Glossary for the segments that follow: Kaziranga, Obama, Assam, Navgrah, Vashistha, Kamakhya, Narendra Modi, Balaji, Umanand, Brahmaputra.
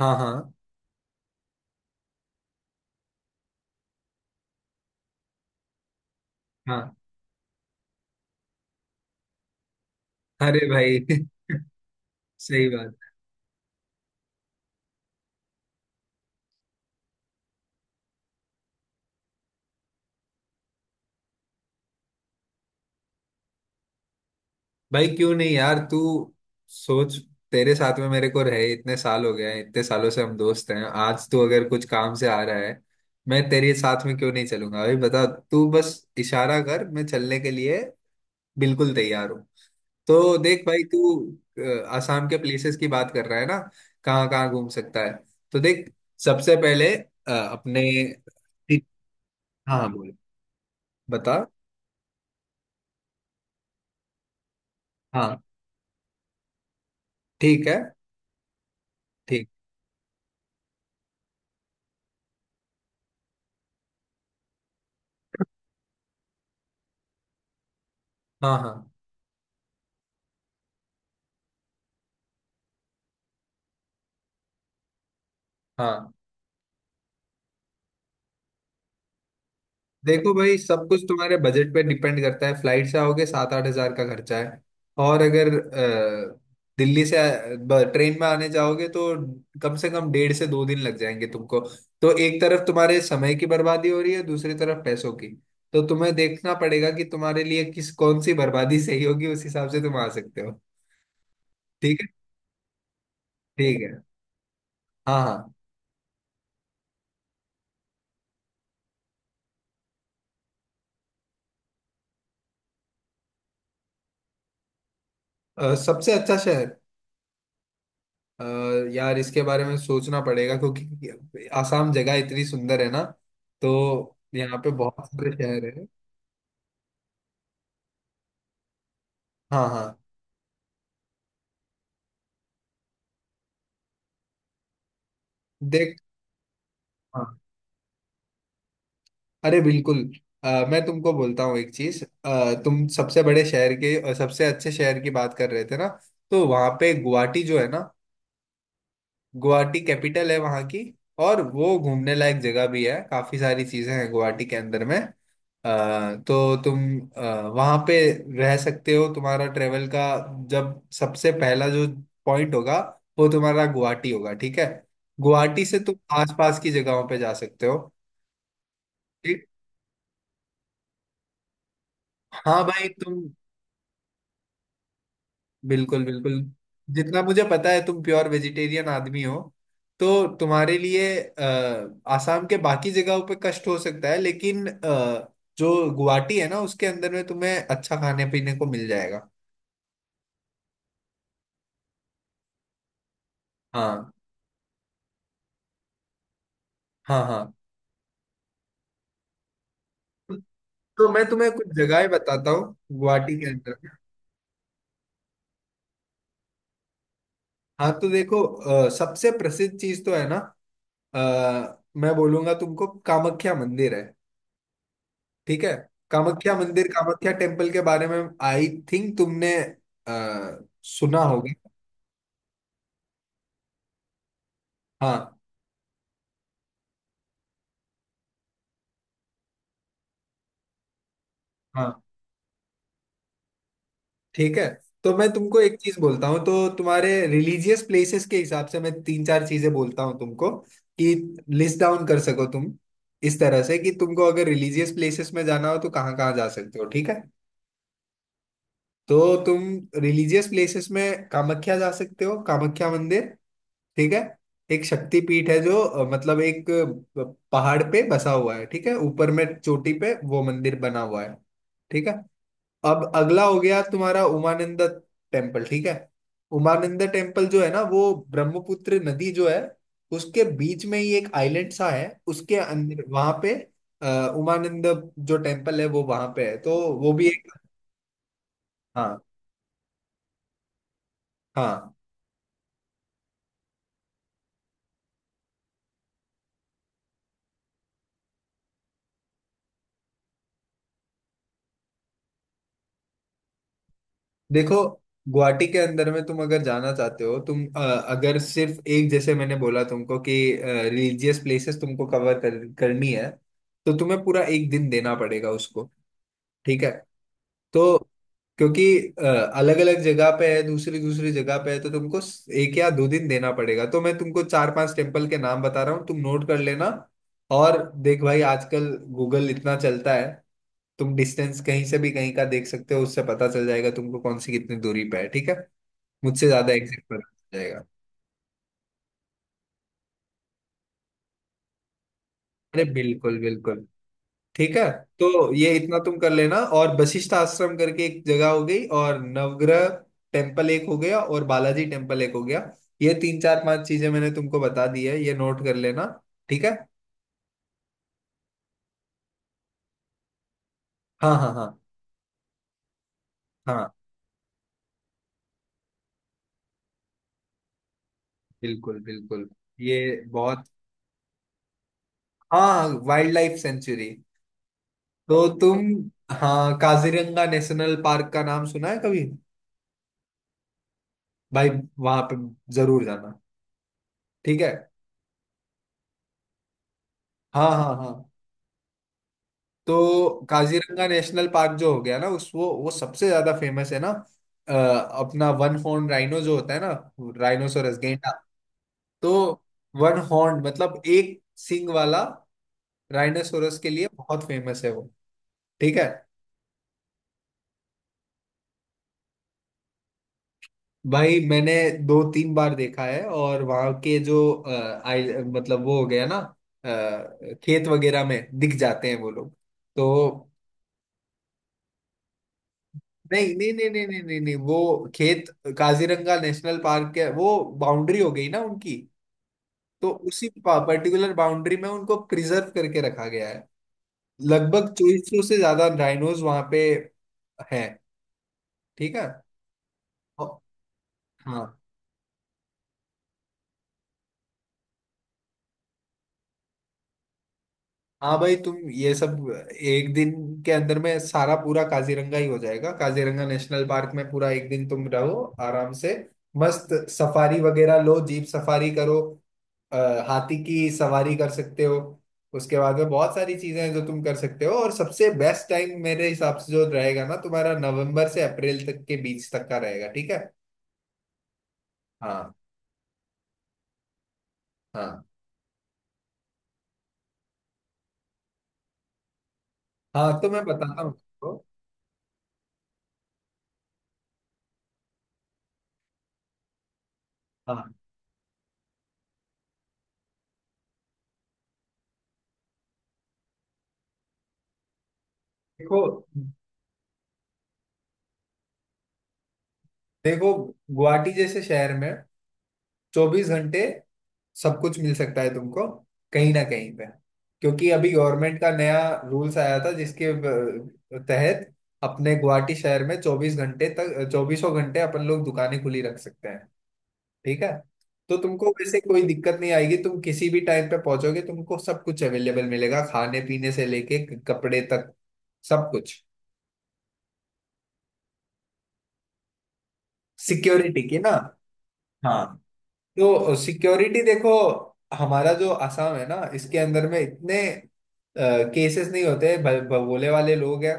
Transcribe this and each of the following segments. हाँ, हाँ, हाँ। अरे भाई सही बात। भाई क्यों नहीं यार, तू सोच। तेरे साथ में मेरे को रहे इतने साल हो गए हैं, इतने सालों से हम दोस्त हैं। आज तू अगर कुछ काम से आ रहा है, मैं तेरे साथ में क्यों नहीं चलूंगा भाई? बता, तू बस इशारा कर, मैं चलने के लिए बिल्कुल तैयार हूँ। तो देख भाई, तू आसाम के प्लेसेस की बात कर रहा है ना, कहाँ कहाँ घूम सकता है। तो देख, सबसे पहले अपने ठीक- हाँ बोल, बता। हाँ, ठीक है। ठीक। हाँ, हाँ, हाँ। देखो भाई, सब कुछ तुम्हारे बजट पे डिपेंड करता है। फ्लाइट से आओगे सात आठ हजार का खर्चा है। और अगर दिल्ली से ट्रेन में आने जाओगे तो कम से कम डेढ़ से दो दिन लग जाएंगे तुमको। तो एक तरफ तुम्हारे समय की बर्बादी हो रही है, दूसरी तरफ पैसों की। तो तुम्हें देखना पड़ेगा कि तुम्हारे लिए किस, कौन सी बर्बादी सही होगी, उस हिसाब से तुम आ सकते हो। ठीक है। ठीक है। हाँ, हाँ। सबसे अच्छा शहर। अ, यार इसके बारे में सोचना पड़ेगा, क्योंकि आसाम जगह इतनी सुंदर है ना, तो यहाँ पे बहुत सारे शहर है। हाँ, हाँ। देख। हाँ। अरे बिल्कुल। मैं तुमको बोलता हूँ एक चीज, तुम सबसे बड़े शहर के और सबसे अच्छे शहर की बात कर रहे थे ना, तो वहाँ पे गुवाहाटी जो है ना, गुवाहाटी कैपिटल है वहाँ की। और वो घूमने लायक जगह भी है, काफी सारी चीजें हैं गुवाहाटी के अंदर में। तो तुम वहाँ पे रह सकते हो। तुम्हारा ट्रेवल का जब सबसे पहला जो पॉइंट होगा, वो तुम्हारा गुवाहाटी होगा, ठीक है। गुवाहाटी से तुम आसपास की जगहों पे जा सकते हो। ठीक। हाँ भाई तुम। बिल्कुल बिल्कुल। जितना मुझे पता है, तुम प्योर वेजिटेरियन आदमी हो, तो तुम्हारे लिए आसाम के बाकी जगहों पे कष्ट हो सकता है, लेकिन जो गुवाहाटी है ना, उसके अंदर में तुम्हें अच्छा खाने पीने को मिल जाएगा। हाँ, हाँ, हाँ। तो मैं तुम्हें कुछ जगहें बताता हूँ गुवाहाटी के अंदर में। हाँ तो देखो, सबसे प्रसिद्ध चीज तो है ना, मैं बोलूंगा तुमको कामाख्या मंदिर है। ठीक है। कामाख्या मंदिर, कामाख्या टेम्पल के बारे में आई थिंक तुमने सुना हाँ होगा। हाँ, हाँ। ठीक है। तो मैं तुमको एक चीज बोलता हूँ, तो तुम्हारे रिलीजियस प्लेसेस के हिसाब से मैं तीन चार चीजें बोलता हूँ तुमको, कि लिस्ट डाउन कर सको तुम इस तरह से, कि तुमको अगर रिलीजियस प्लेसेस में जाना हो तो कहाँ कहाँ जा सकते हो, ठीक है। तो तुम रिलीजियस प्लेसेस में कामाख्या जा सकते हो, कामाख्या मंदिर, ठीक है। एक शक्तिपीठ है जो मतलब एक पहाड़ पे बसा हुआ है, ठीक है, ऊपर में चोटी पे वो मंदिर बना हुआ है, ठीक है। अब अगला हो गया तुम्हारा उमानंद टेम्पल, ठीक है। उमानंद टेम्पल जो है ना वो ब्रह्मपुत्र नदी जो है, उसके बीच में ही एक आइलैंड सा है, उसके अंदर वहां पे उमानंद जो टेम्पल है वो वहां पे है, तो वो भी एक। हाँ, हाँ। देखो, गुवाहाटी के अंदर में तुम अगर जाना चाहते हो, तुम अगर सिर्फ एक, जैसे मैंने बोला तुमको कि रिलीजियस प्लेसेस तुमको कवर करनी है, तो तुम्हें पूरा एक दिन देना पड़ेगा उसको, ठीक है। तो क्योंकि अलग अलग जगह पे है, दूसरी दूसरी जगह पे है, तो तुमको एक या दो दिन देना पड़ेगा। तो मैं तुमको चार पांच टेम्पल के नाम बता रहा हूँ, तुम नोट कर लेना। और देख भाई, आजकल गूगल इतना चलता है, तुम डिस्टेंस कहीं से भी कहीं का देख सकते हो, उससे पता चल जाएगा तुमको कौन सी कितनी दूरी पे है, ठीक है। मुझसे ज्यादा एग्जैक्ट पता चल जाएगा। अरे बिल्कुल बिल्कुल। ठीक है। तो ये इतना तुम कर लेना, और वशिष्ठ आश्रम करके एक जगह हो गई, और नवग्रह टेम्पल एक हो गया, और बालाजी टेम्पल एक हो गया। ये तीन चार पांच चीजें मैंने तुमको बता दी है, ये नोट कर लेना, ठीक है। हाँ, हाँ, हाँ, हाँ। बिल्कुल बिल्कुल। ये बहुत। हाँ वाइल्ड लाइफ सेंचुरी। तो तुम। हाँ, काजीरंगा नेशनल पार्क का नाम सुना है कभी? भाई वहां पे जरूर जाना, ठीक है। हाँ, हाँ, हाँ। तो काजीरंगा नेशनल पार्क जो हो गया ना, उस वो सबसे ज्यादा फेमस है ना, अपना वन हॉर्न राइनो जो होता है ना, राइनोसोरस, गेंडा। तो वन हॉर्न मतलब एक सिंग वाला राइनोसोरस के लिए बहुत फेमस है वो, ठीक है। भाई मैंने दो तीन बार देखा है, और वहां के जो आई मतलब वो हो गया ना, खेत वगैरह में दिख जाते हैं वो लोग। तो नहीं, नहीं, नहीं, नहीं, नहीं, नहीं, नहीं, वो खेत काजीरंगा नेशनल पार्क के वो बाउंड्री हो गई ना उनकी, तो उसी पर्टिकुलर बाउंड्री में उनको प्रिजर्व करके रखा गया है। लगभग 2400 से ज्यादा राइनोज वहां पे हैं, ठीक है। और- हाँ, हाँ। भाई तुम ये सब एक दिन के अंदर में सारा पूरा काजीरंगा ही हो जाएगा, काजीरंगा नेशनल पार्क में पूरा एक दिन तुम रहो आराम से। मस्त सफारी वगैरह लो, जीप सफारी करो, अ, हाथी की सवारी कर सकते हो। उसके बाद में बहुत सारी चीजें हैं जो तुम कर सकते हो, और सबसे बेस्ट टाइम मेरे हिसाब से जो रहेगा ना तुम्हारा, नवंबर से अप्रैल तक के बीच तक का रहेगा, ठीक है। हाँ, हाँ, हाँ। तो मैं बताता हूँ तुमको। हाँ देखो, देखो, गुवाहाटी जैसे शहर में 24 घंटे सब कुछ मिल सकता है तुमको, कहीं ना कहीं पे। क्योंकि अभी गवर्नमेंट का नया रूल्स आया था, जिसके तहत अपने गुवाहाटी शहर में 24 घंटे तक, चौबीसों घंटे अपन लोग दुकानें खुली रख सकते हैं, ठीक है। तो तुमको वैसे कोई दिक्कत नहीं आएगी, तुम किसी भी टाइम पे पहुंचोगे तुमको सब कुछ अवेलेबल मिलेगा, खाने पीने से लेके कपड़े तक सब कुछ। सिक्योरिटी की ना। हाँ, तो सिक्योरिटी देखो, हमारा जो आसाम है ना, इसके अंदर में इतने केसेस नहीं होते, भगोले वाले लोग हैं।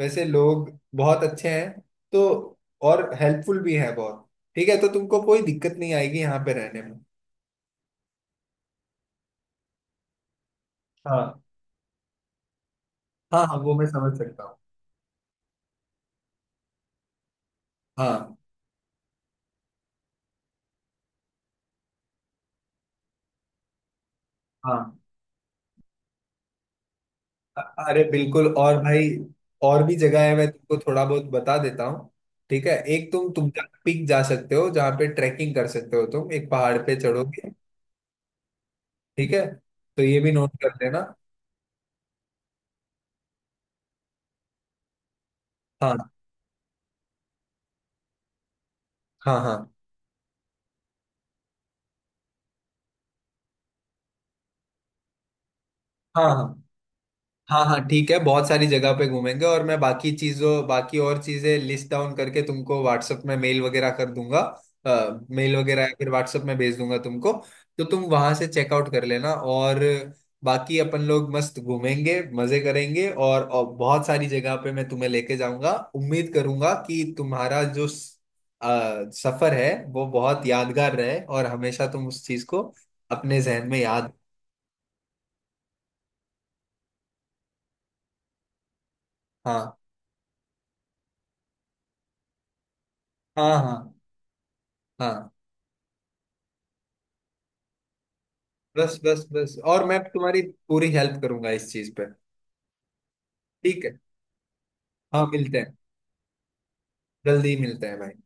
वैसे लोग बहुत अच्छे हैं, तो और हेल्पफुल भी हैं बहुत, ठीक है। तो तुमको कोई दिक्कत नहीं आएगी यहाँ पे रहने में। हाँ, हाँ, हाँ, वो मैं समझ सकता हूँ। हाँ, हाँ। अ- अरे बिल्कुल, और भाई और भी जगह है, मैं तुमको थोड़ा बहुत बता देता हूँ, ठीक है। एक तुम तुमका पीक जा सकते हो, जहाँ पे ट्रैकिंग कर सकते हो, तुम एक पहाड़ पे चढ़ोगे, ठीक है, तो ये भी नोट कर लेना। हाँ, हाँ, हाँ, हाँ, हाँ, हाँ, हाँ। ठीक है, बहुत सारी जगह पे घूमेंगे, और मैं बाकी और चीजें लिस्ट डाउन करके तुमको व्हाट्सएप में मेल वगैरह कर दूंगा। मेल वगैरह या फिर व्हाट्सएप में भेज दूंगा तुमको। तो तुम वहां से चेकआउट कर लेना, और बाकी अपन लोग मस्त घूमेंगे, मजे करेंगे, और, बहुत सारी जगह पे मैं तुम्हें लेके जाऊंगा। उम्मीद करूंगा कि तुम्हारा जो सफर है, वो बहुत यादगार रहे और हमेशा तुम उस चीज को अपने जहन में याद। हाँ, हाँ, हाँ, हाँ। बस, बस, बस, और मैं तुम्हारी पूरी हेल्प करूंगा इस चीज पे, ठीक है। हाँ, मिलते हैं, जल्दी मिलते हैं भाई।